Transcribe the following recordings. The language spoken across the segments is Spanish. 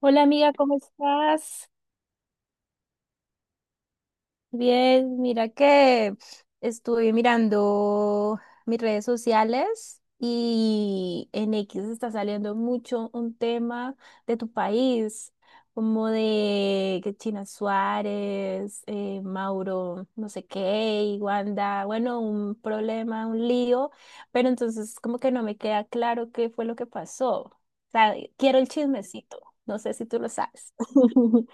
Hola amiga, ¿cómo estás? Bien, mira que estuve mirando mis redes sociales y en X está saliendo mucho un tema de tu país, como de que China Suárez, Mauro, no sé qué, y Wanda, bueno, un problema, un lío, pero entonces como que no me queda claro qué fue lo que pasó. O sea, quiero el chismecito, no sé si tú lo sabes.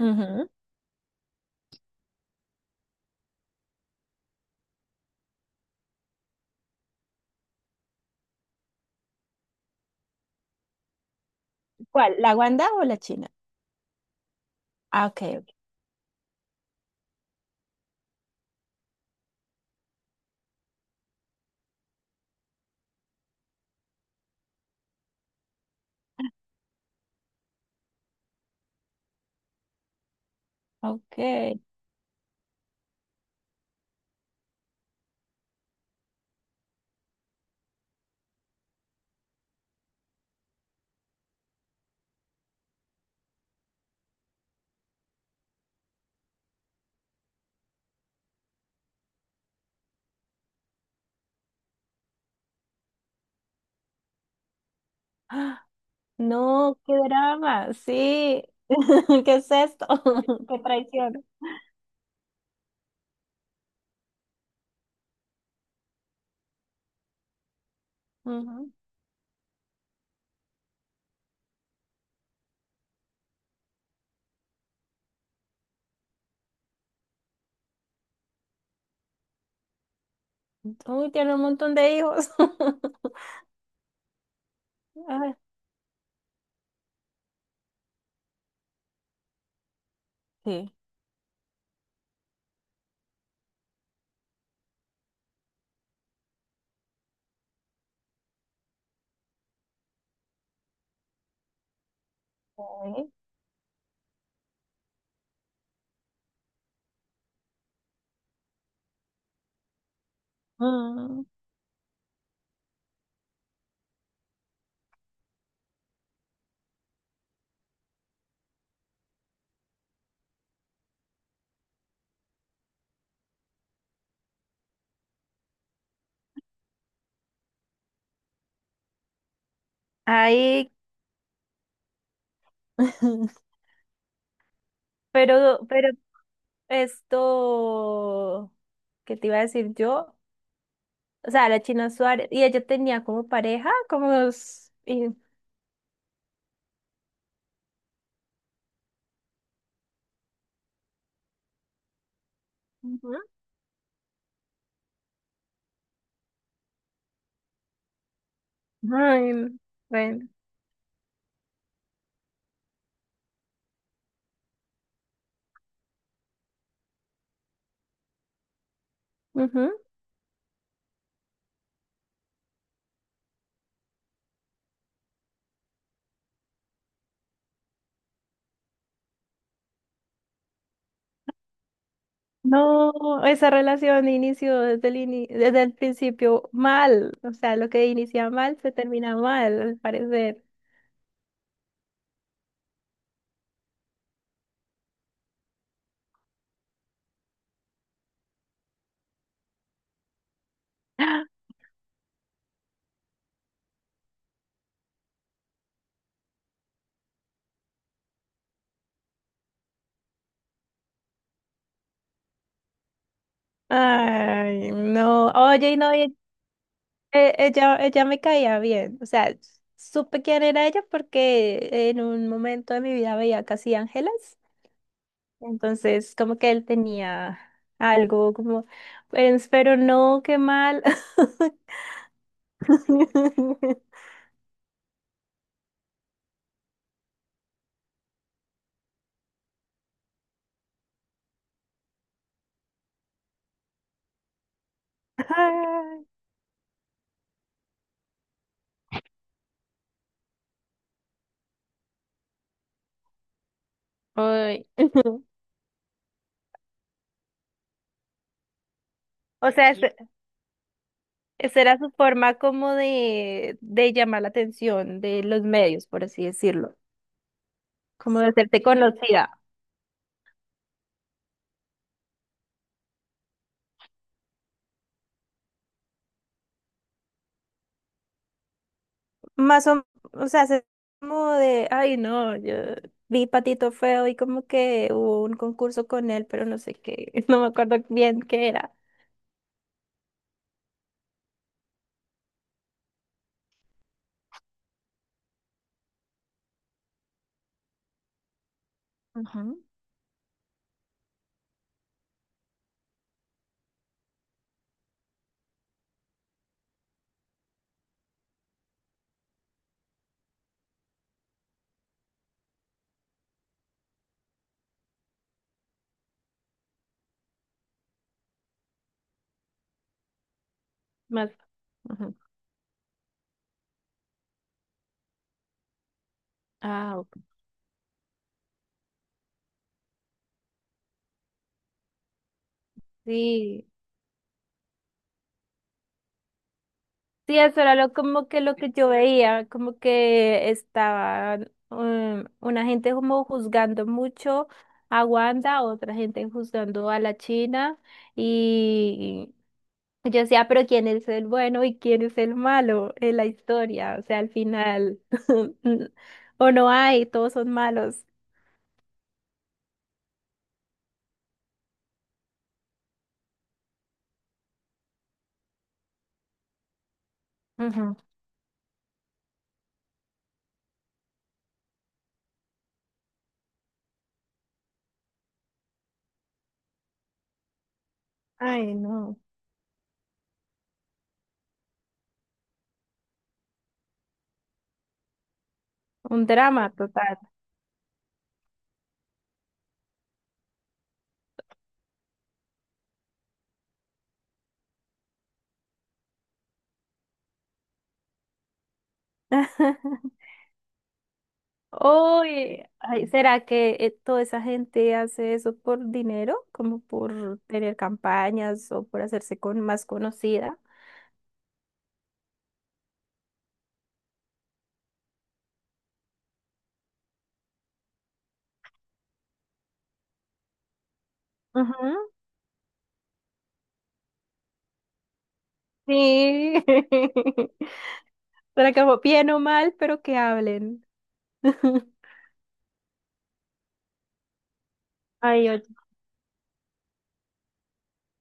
Ujú. ¿Cuál? ¿La Wanda o la China? Ah, ok, ok. Ok. ¡Ah! No, qué drama, sí. ¿Qué es esto? Qué traición. Ujú. Uy, tiene un montón de hijos. Ay, sí. Ok. Mm. Ahí, pero esto, ¿qué te iba a decir yo? O sea, la China Suárez, y ella tenía como pareja, como... s- y- Ujú. Ay, bueno. Ujú. No, esa relación inició desde el ini- desde el principio mal. O sea, lo que inicia mal se termina mal, al parecer. Ay, no. Oye, y no, y- ella, ella me caía bien. O sea, supe quién era ella porque en un momento de mi vida veía Casi Ángeles. Entonces, como que él tenía algo como, pues, pero no, qué mal. Ay, o sea, es- sí. Esa era su forma como de llamar la atención de los medios, por así decirlo, como de hacerte conocida. Más o sea, se- como de, ay, no, yo vi Patito Feo y como que hubo un concurso con él, pero no sé qué, no me acuerdo bien qué era. Ajá. Más, ajá. Ah, ok. Sí. Sí, eso era lo, como que lo que yo veía, como que estaban una gente como juzgando mucho a Wanda, otra gente juzgando a la China y yo decía, pero ¿quién es el bueno y quién es el malo en la historia? O sea, al final, o no hay, todos son malos. Ujú. Ay, no, un drama total. Oye, ay, ¿será que toda esa gente hace eso por dinero? Como por tener campañas o por hacerse con más conocida. Ujú. Sí. Será como bien o mal, pero que hablen. Ay, oye.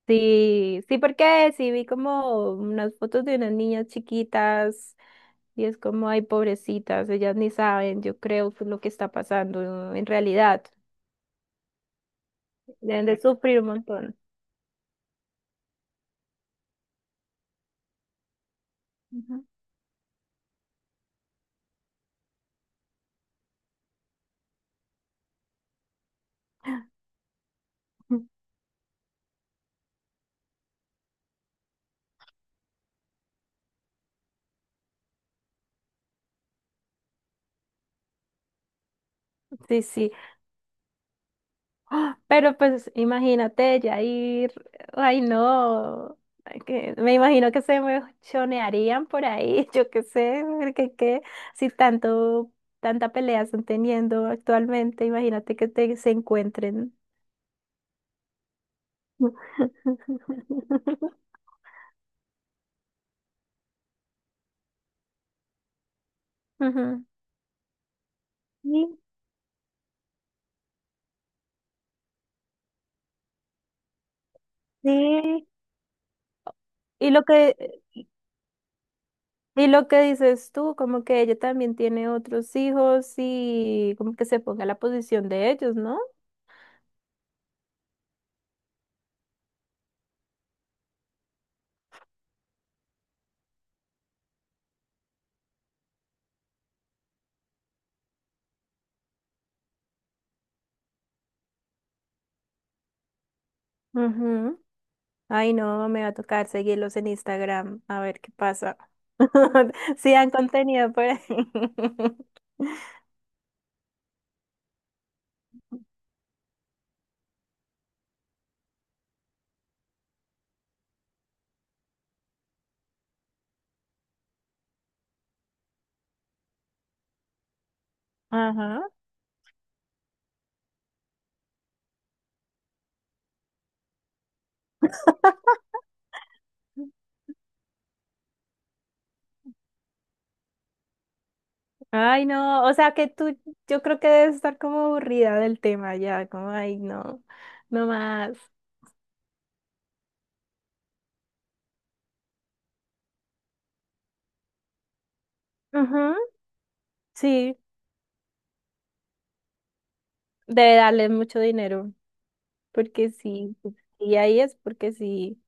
Sí, sí, porque sí vi como unas fotos de unas niñas chiquitas y es como, ay, pobrecitas, ellas ni saben, yo creo que lo que está pasando en realidad. Deben de sufrir un montón. Ujú. Sí, sí. ¡Ah! Pero pues imagínate ya ir, ay no. Ay, que- me imagino que se me chonearían por ahí, yo qué sé, porque qué, si tanto, tanta pelea están teniendo actualmente, imagínate que te, se encuentren. Ujú. Sí, sí. Y lo que, y lo que dices tú, como que ella también tiene otros hijos y como que se ponga en la posición de ellos, ¿no? Ujú. Ay, no, me va a tocar seguirlos en Instagram, a ver qué pasa. Sí, han contenido por ahí. Ajá. Ay, no, o sea que tú, yo creo que debes estar como aburrida del tema ya, como, ay, no, no más. Ujú. Sí, debe darles mucho dinero, porque sí, y ahí es porque sí.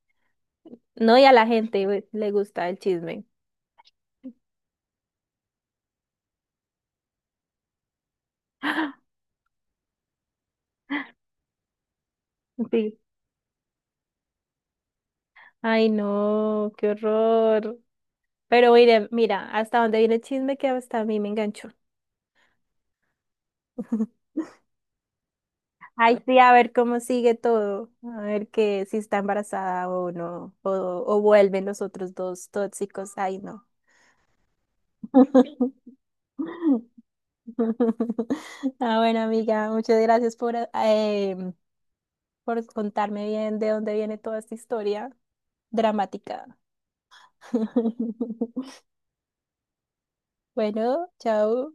No, y a la gente güey, le gusta el chisme. Sí. Ay, no, qué horror. Pero mira, hasta dónde viene el chisme que hasta a mí me enganchó. Ay, sí, a ver cómo sigue todo, a ver que si está embarazada o no, o vuelven los otros dos tóxicos, ay no. Ah, bueno, amiga, muchas gracias por, por contarme bien de dónde viene toda esta historia dramática. Bueno, chao.